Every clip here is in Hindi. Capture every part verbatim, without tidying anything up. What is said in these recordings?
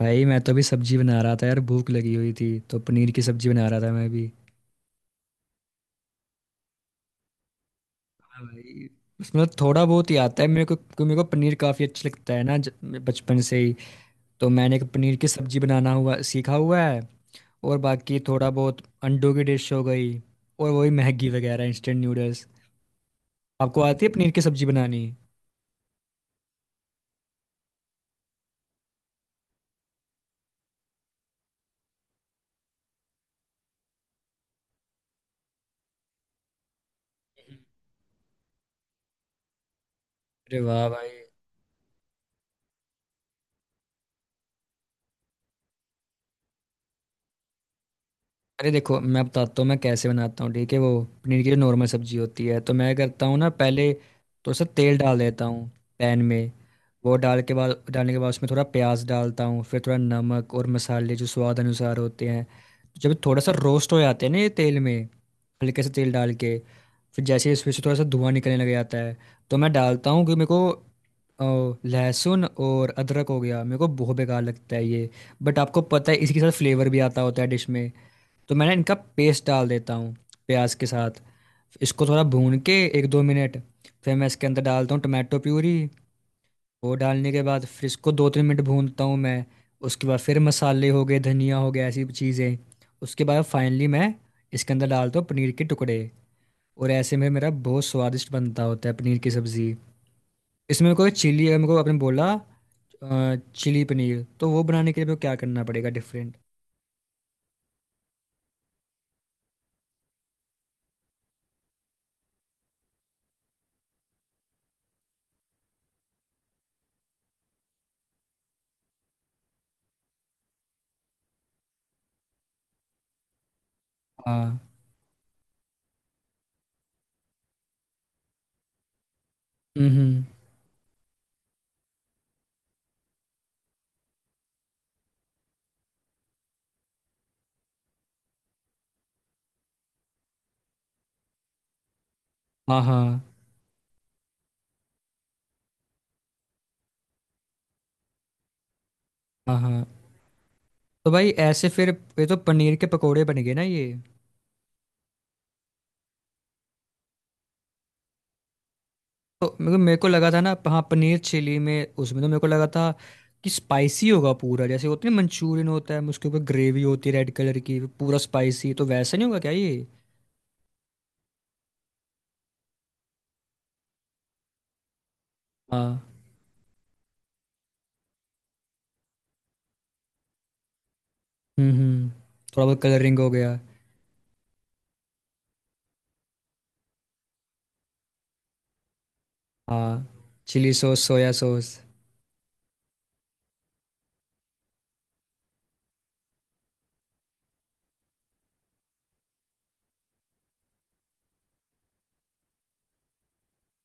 भाई मैं तो अभी सब्जी बना रहा था यार। भूख लगी हुई थी तो पनीर की सब्जी बना रहा था मैं भी। हाँ भाई। उसमें तो थोड़ा बहुत ही आता है मेरे को क्योंकि मेरे को पनीर काफ़ी अच्छा लगता है ना ज- बचपन से ही। तो मैंने एक पनीर की सब्जी बनाना हुआ सीखा हुआ है। और बाकी थोड़ा बहुत अंडों की डिश हो गई। और वही मैगी वगैरह इंस्टेंट नूडल्स। आपको आती है पनीर की सब्जी बनानी? अरे वाह भाई। अरे देखो मैं बताता हूँ मैं कैसे बनाता हूँ, ठीक है। वो पनीर की जो नॉर्मल सब्जी होती है तो मैं करता हूँ ना, पहले थोड़ा सा तेल डाल देता हूँ पैन में। वो डाल के बाद डालने के बाद उसमें थोड़ा प्याज डालता हूँ, फिर थोड़ा नमक और मसाले जो स्वाद अनुसार होते हैं। जब थोड़ा सा रोस्ट हो जाते हैं ना ये तेल में, हल्के से तेल डाल के, फिर जैसे ही इसमें से थोड़ा सा धुआं निकलने लग जाता है तो मैं डालता हूँ कि मेरे को अ, लहसुन और अदरक हो गया मेरे को बहुत बेकार लगता है ये। बट आपको पता है इसके साथ फ्लेवर भी आता होता है डिश में। तो मैंने इनका पेस्ट डाल देता हूँ प्याज के साथ, इसको थोड़ा भून के एक दो मिनट। फिर मैं इसके अंदर डालता हूँ टमाटो प्यूरी। वो डालने के बाद फिर इसको दो तीन मिनट भूनता हूँ मैं। उसके बाद फिर मसाले हो गए, धनिया हो गया, ऐसी चीज़ें। उसके बाद फाइनली मैं इसके अंदर डालता हूँ पनीर के टुकड़े। और ऐसे में मेरा बहुत स्वादिष्ट बनता होता है पनीर की सब्ज़ी। इसमें कोई चिली अगर मेरे को आपने बोला अ, चिली पनीर, तो वो बनाने के लिए मेरे को क्या करना पड़ेगा डिफरेंट? हाँ। हम्म हम्म। हाँ हाँ हाँ। हाँ। तो भाई ऐसे फिर ये तो पनीर के पकोड़े बन गए ना ये। तो मेरे को मेरे को लगा था ना हाँ, पनीर चिली में उसमें तो मेरे को लगा था कि स्पाइसी होगा पूरा, जैसे होती है मंचूरियन, होता है उसके ऊपर ग्रेवी होती है रेड कलर की पूरा स्पाइसी, तो वैसा नहीं होगा क्या ये? हाँ। हम्म हम्म। थोड़ा बहुत कलरिंग हो गया। हाँ। Chilli sauce soya sauce.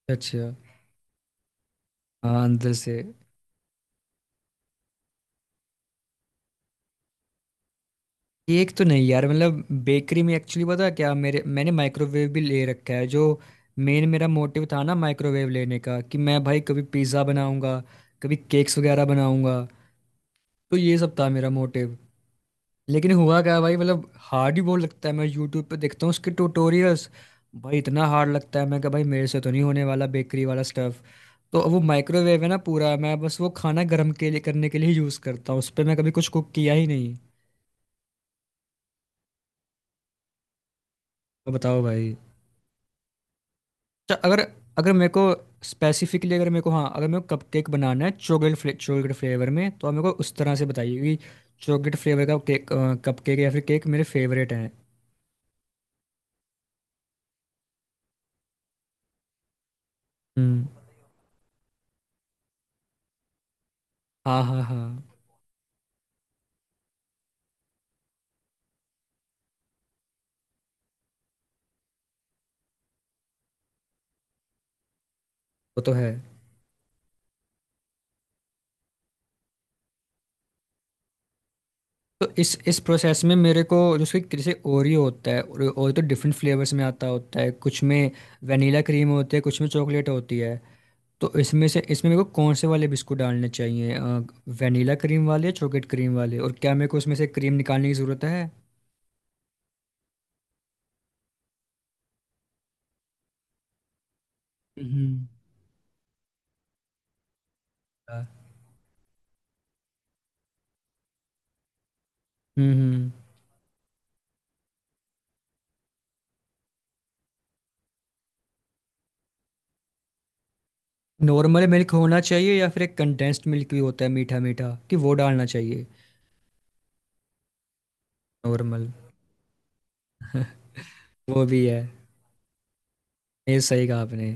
अच्छा। हाँ अंदर से। केक तो नहीं यार, मतलब बेकरी में एक्चुअली पता है क्या मेरे मैंने माइक्रोवेव भी ले रखा है, जो मेन मेरा मोटिव था ना माइक्रोवेव लेने का कि मैं भाई कभी पिज़्ज़ा बनाऊंगा, कभी केक्स वगैरह बनाऊंगा। तो ये सब था मेरा मोटिव। लेकिन हुआ क्या भाई, मतलब हार्ड ही बहुत लगता है, मैं यूट्यूब पे देखता हूँ उसके ट्यूटोरियल्स, भाई इतना हार्ड लगता है मैं कहा भाई मेरे से तो नहीं होने वाला बेकरी वाला स्टफ। तो अब वो माइक्रोवेव है ना पूरा, मैं बस वो खाना गर्म के लिए करने के लिए यूज़ करता हूँ, उस पर मैं कभी कुछ कुक किया ही नहीं। तो बताओ भाई। अच्छा, अगर अगर मेरे को स्पेसिफिकली, अगर मेरे को हाँ अगर मेरे को कपकेक बनाना है चॉकलेट फ्ले, चॉकलेट फ्लेवर में तो आप मेरे को उस तरह से बताइए कि चॉकलेट फ्लेवर का केक, कपकेक या फिर केक मेरे फेवरेट हैं। हम्म। हाँ हाँ हाँ। वो तो है। तो इस इस प्रोसेस में मेरे को जो उसके जैसे ओरियो होता है, ओरियो तो डिफरेंट फ्लेवर्स में आता होता है, कुछ में वनीला क्रीम होती है कुछ में चॉकलेट होती है, तो इसमें से इसमें मेरे को कौन से वाले बिस्कुट डालने चाहिए, वनीला क्रीम वाले या चॉकलेट क्रीम वाले? और क्या मेरे को उसमें से क्रीम निकालने की ज़रूरत है? हम्म हम्म। नॉर्मल मिल्क होना चाहिए या फिर एक कंडेंस्ड मिल्क भी होता है मीठा मीठा, कि वो डालना चाहिए? नॉर्मल। वो भी है। ये सही कहा आपने।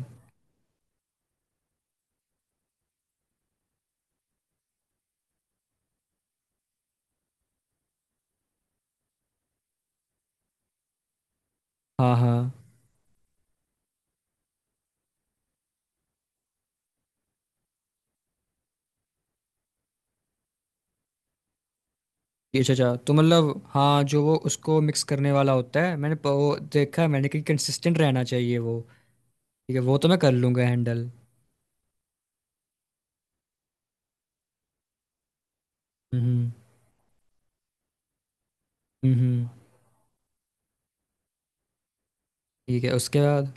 हाँ हाँ। ये अच्छा अच्छा, तो मतलब हाँ, जो वो उसको मिक्स करने वाला होता है मैंने प- वो देखा है मैंने कि कंसिस्टेंट रहना चाहिए वो। ठीक है, वो तो मैं कर लूँगा हैंडल। हम्म हम्म हम्म, हम्म। ठीक है उसके बाद?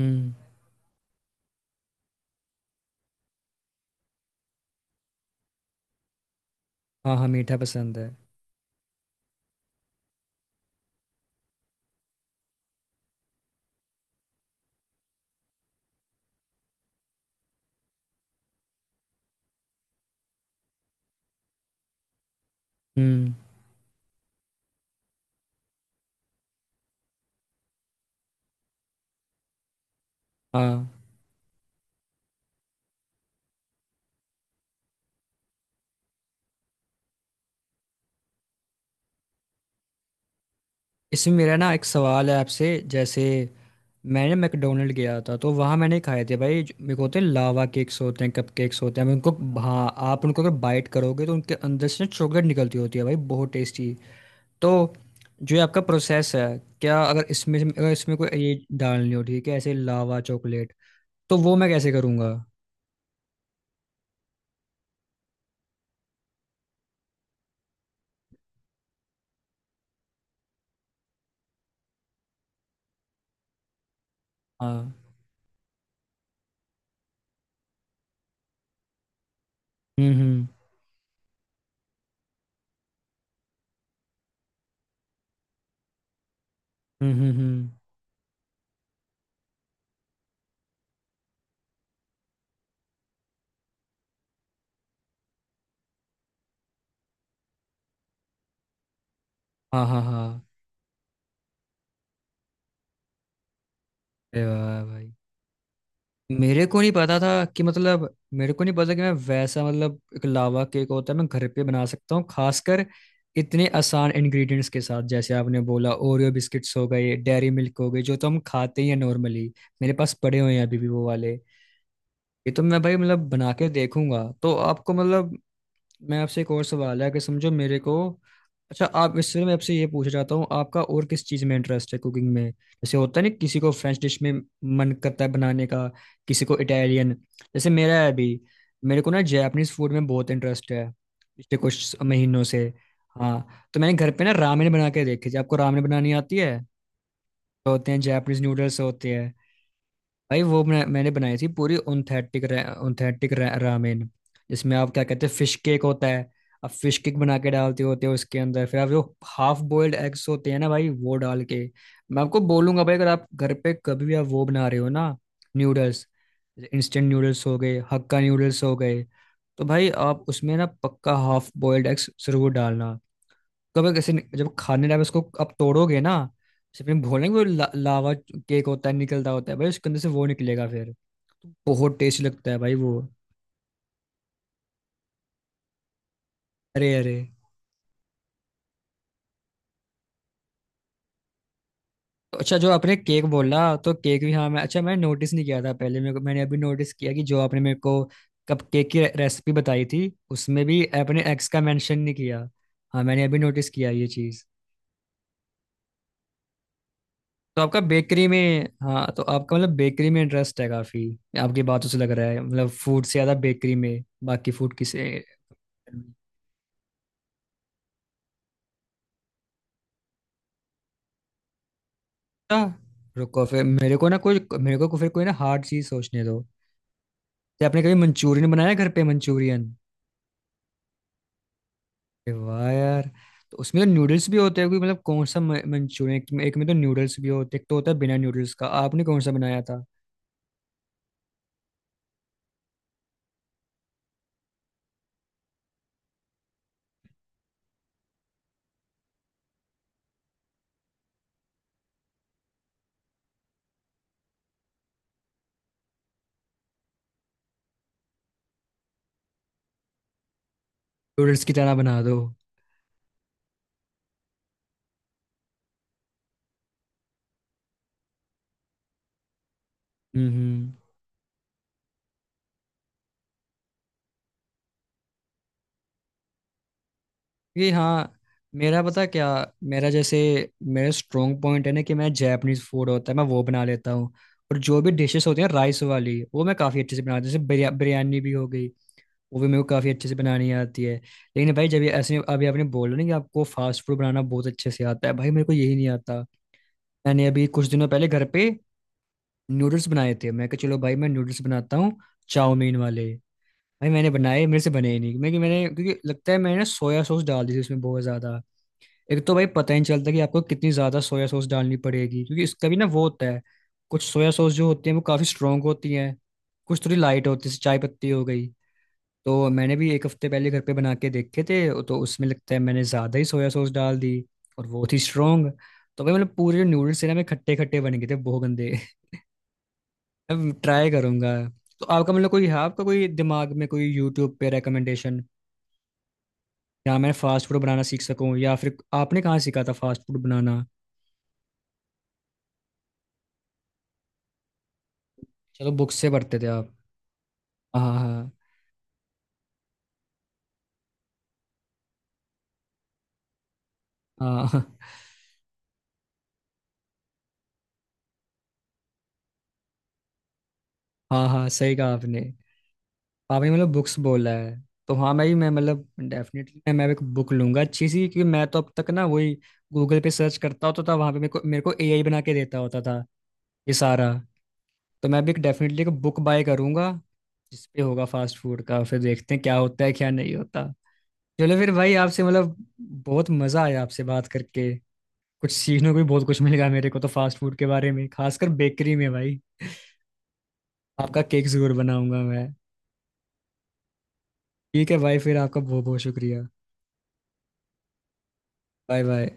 हम्म। हाँ हाँ मीठा पसंद है। हम्म। हाँ। इसमें मेरा ना एक सवाल है आपसे, जैसे मैंने मैकडोनल्ड गया था तो वहाँ मैंने खाए थे भाई जो- मेरे को होते हैं लावा केक्स होते हैं कप केक्स होते हैं मैं उनको। हाँ, आप उनको अगर बाइट करोगे तो उनके अंदर से चॉकलेट निकलती होती है भाई, बहुत टेस्टी। तो जो ये आपका प्रोसेस है, क्या अगर इसमें अगर इसमें कोई ये डालनी हो, ठीक है ऐसे लावा चॉकलेट, तो वो मैं कैसे करूँगा? हाँ। हम्म हम्म हम्म। हम्म हम्म, हाँ हाँ हाँ। अरे वाह भाई। मेरे को नहीं पता था कि मतलब मेरे को नहीं पता कि मैं वैसा, मतलब एक लावा केक होता है, मैं घर पे बना सकता हूँ खासकर इतने आसान इंग्रेडिएंट्स के साथ, जैसे आपने बोला ओरियो बिस्किट्स हो गए डेयरी मिल्क हो गई, जो तो हम खाते ही हैं नॉर्मली। मेरे पास पड़े हुए हैं अभी भी वो वाले। ये तो मैं भाई मतलब बना के देखूंगा, तो आपको मतलब मैं आपसे एक और सवाल है कि समझो मेरे को। अच्छा आप इससे मैं आपसे ये पूछ चाहता हूँ, आपका और किस चीज़ में इंटरेस्ट है कुकिंग में, जैसे होता है ना किसी को फ्रेंच डिश में मन करता है बनाने का, किसी को इटालियन, जैसे मेरा है अभी, मेरे को ना जापानीज फूड में बहुत इंटरेस्ट है पिछले कुछ महीनों से। हाँ, तो मैंने घर पे ना रामेन बना के देखे, जब आपको रामेन बनानी आती है, तो होते हैं जापानीज नूडल्स होते हैं भाई। वो मैं, मैंने बनाई थी पूरी ऑथेंटिक, ऑथेंटिक रामेन, जिसमें आप क्या कहते हैं फिश केक होता है, आप फिश केक बना के डालते होते हो उसके अंदर, फिर आप जो हाफ बॉइल्ड एग्स होते हैं ना भाई वो डाल के। मैं आपको बोलूंगा भाई अगर आप घर पे कभी भी आप वो बना रहे हो ना, नूडल्स, इंस्टेंट नूडल्स हो गए हक्का नूडल्स हो गए, तो भाई आप उसमें ना पक्का हाफ बॉइल्ड एग्स जरूर डालना। कब कैसे जब खाने डाले उसको आप तोड़ोगे ना, उसमें भोलेंगे वो ला, लावा केक होता है, निकलता होता है भाई उसके अंदर से वो निकलेगा फिर। बहुत टेस्टी लगता है भाई वो। अरे अरे। तो अच्छा जो आपने केक बोला, तो केक भी, हाँ मैं अच्छा मैंने नोटिस नहीं किया था पहले मेरे को, मैंने अभी नोटिस किया कि जो आपने मेरे को कप केक की रेसिपी बताई थी, उसमें भी आपने एग्स का मेंशन नहीं किया। हाँ, मैंने अभी नोटिस किया ये चीज़। तो आपका बेकरी में, हाँ तो आपका मतलब बेकरी में इंटरेस्ट है काफ़ी, आपकी बातों से लग रहा है, मतलब फूड से ज़्यादा बेकरी में, बाकी फूड किसे। अच्छा, रुको फिर मेरे को ना कोई, मेरे को फिर कोई ना हार्ड चीज़ सोचने दो। क्या आपने कभी मंचूरियन बनाया घर पे मंचूरियन? अरे वाह यार। तो उसमें तो नूडल्स भी होते हैं, कोई मतलब कौन सा म- मंचूरियन, एक एक में तो नूडल्स भी होते हैं, एक तो होता है बिना नूडल्स का, आपने कौन सा बनाया था? नूडल्स की तरह बना दो। हम्म हम्म। ये हाँ। मेरा पता क्या, मेरा जैसे, मेरा स्ट्रॉन्ग पॉइंट है ना कि मैं जैपनीज फूड होता है मैं वो बना लेता हूँ, और जो भी डिशेस होती हैं राइस वाली वो मैं काफ़ी अच्छे से बनाता हूँ, जैसे बिरया, बिरयानी भी हो गई, वो भी मेरे को काफ़ी अच्छे से बनानी आती है। लेकिन भाई जब ये ऐसे अभी आपने बोला ना कि आपको फास्ट फूड बनाना बहुत अच्छे से आता है, भाई मेरे को यही नहीं आता। मैंने अभी कुछ दिनों पहले घर पे नूडल्स बनाए थे, मैं कहा चलो भाई मैं नूडल्स बनाता हूँ चाउमीन वाले। भाई मैंने बनाए मेरे से बने ही नहीं, मैं कि मैंने क्योंकि लगता है मैंने सोया सॉस डाल दी थी उसमें बहुत ज़्यादा। एक तो भाई पता ही नहीं चलता कि आपको कितनी ज़्यादा सोया सॉस डालनी पड़ेगी क्योंकि इसका भी ना वो होता है, कुछ सोया सॉस जो होती है वो काफ़ी स्ट्रांग होती हैं, कुछ थोड़ी लाइट होती है जैसे चाय पत्ती हो गई। तो मैंने भी एक हफ्ते पहले घर पे बना के देखे थे, तो उसमें लगता है मैंने ज़्यादा ही सोया सॉस डाल दी, और वो थी स्ट्रांग, तो भाई मतलब पूरे जो नूडल्स थे ना मेरे खट्टे खट्टे बन गए थे, बहुत गंदे। अब ट्राई करूंगा। तो आपका मतलब कोई है आपका कोई दिमाग में कोई यूट्यूब पे रिकमेंडेशन या मैं फास्ट फूड बनाना सीख सकूं, या फिर आपने कहाँ सीखा था फास्ट फूड बनाना? चलो बुक से पढ़ते थे आप। हाँ हाँ हाँ। हाँ हाँ हाँ, सही कहा आपने। आपने मतलब बुक्स बोला है, तो हाँ मैं भी मैं मतलब डेफिनेटली मैं मैं एक बुक लूंगा अच्छी सी, क्योंकि मैं तो अब तक ना वही गूगल पे सर्च करता होता था, वहां पे मेरे को मेरे को ए आई बना के देता होता था ये सारा। तो मैं भी डेफिनेटली एक बुक बाय करूंगा जिस पे होगा फास्ट फूड का, फिर देखते हैं क्या होता है क्या नहीं होता। चलो फिर भाई आपसे मतलब बहुत मजा आया आपसे बात करके, कुछ सीखने को भी बहुत कुछ मिलेगा मेरे को तो फास्ट फूड के बारे में खासकर बेकरी में भाई। आपका केक जरूर बनाऊंगा मैं। ठीक है भाई फिर आपका बहुत बहुत शुक्रिया। Bye bye.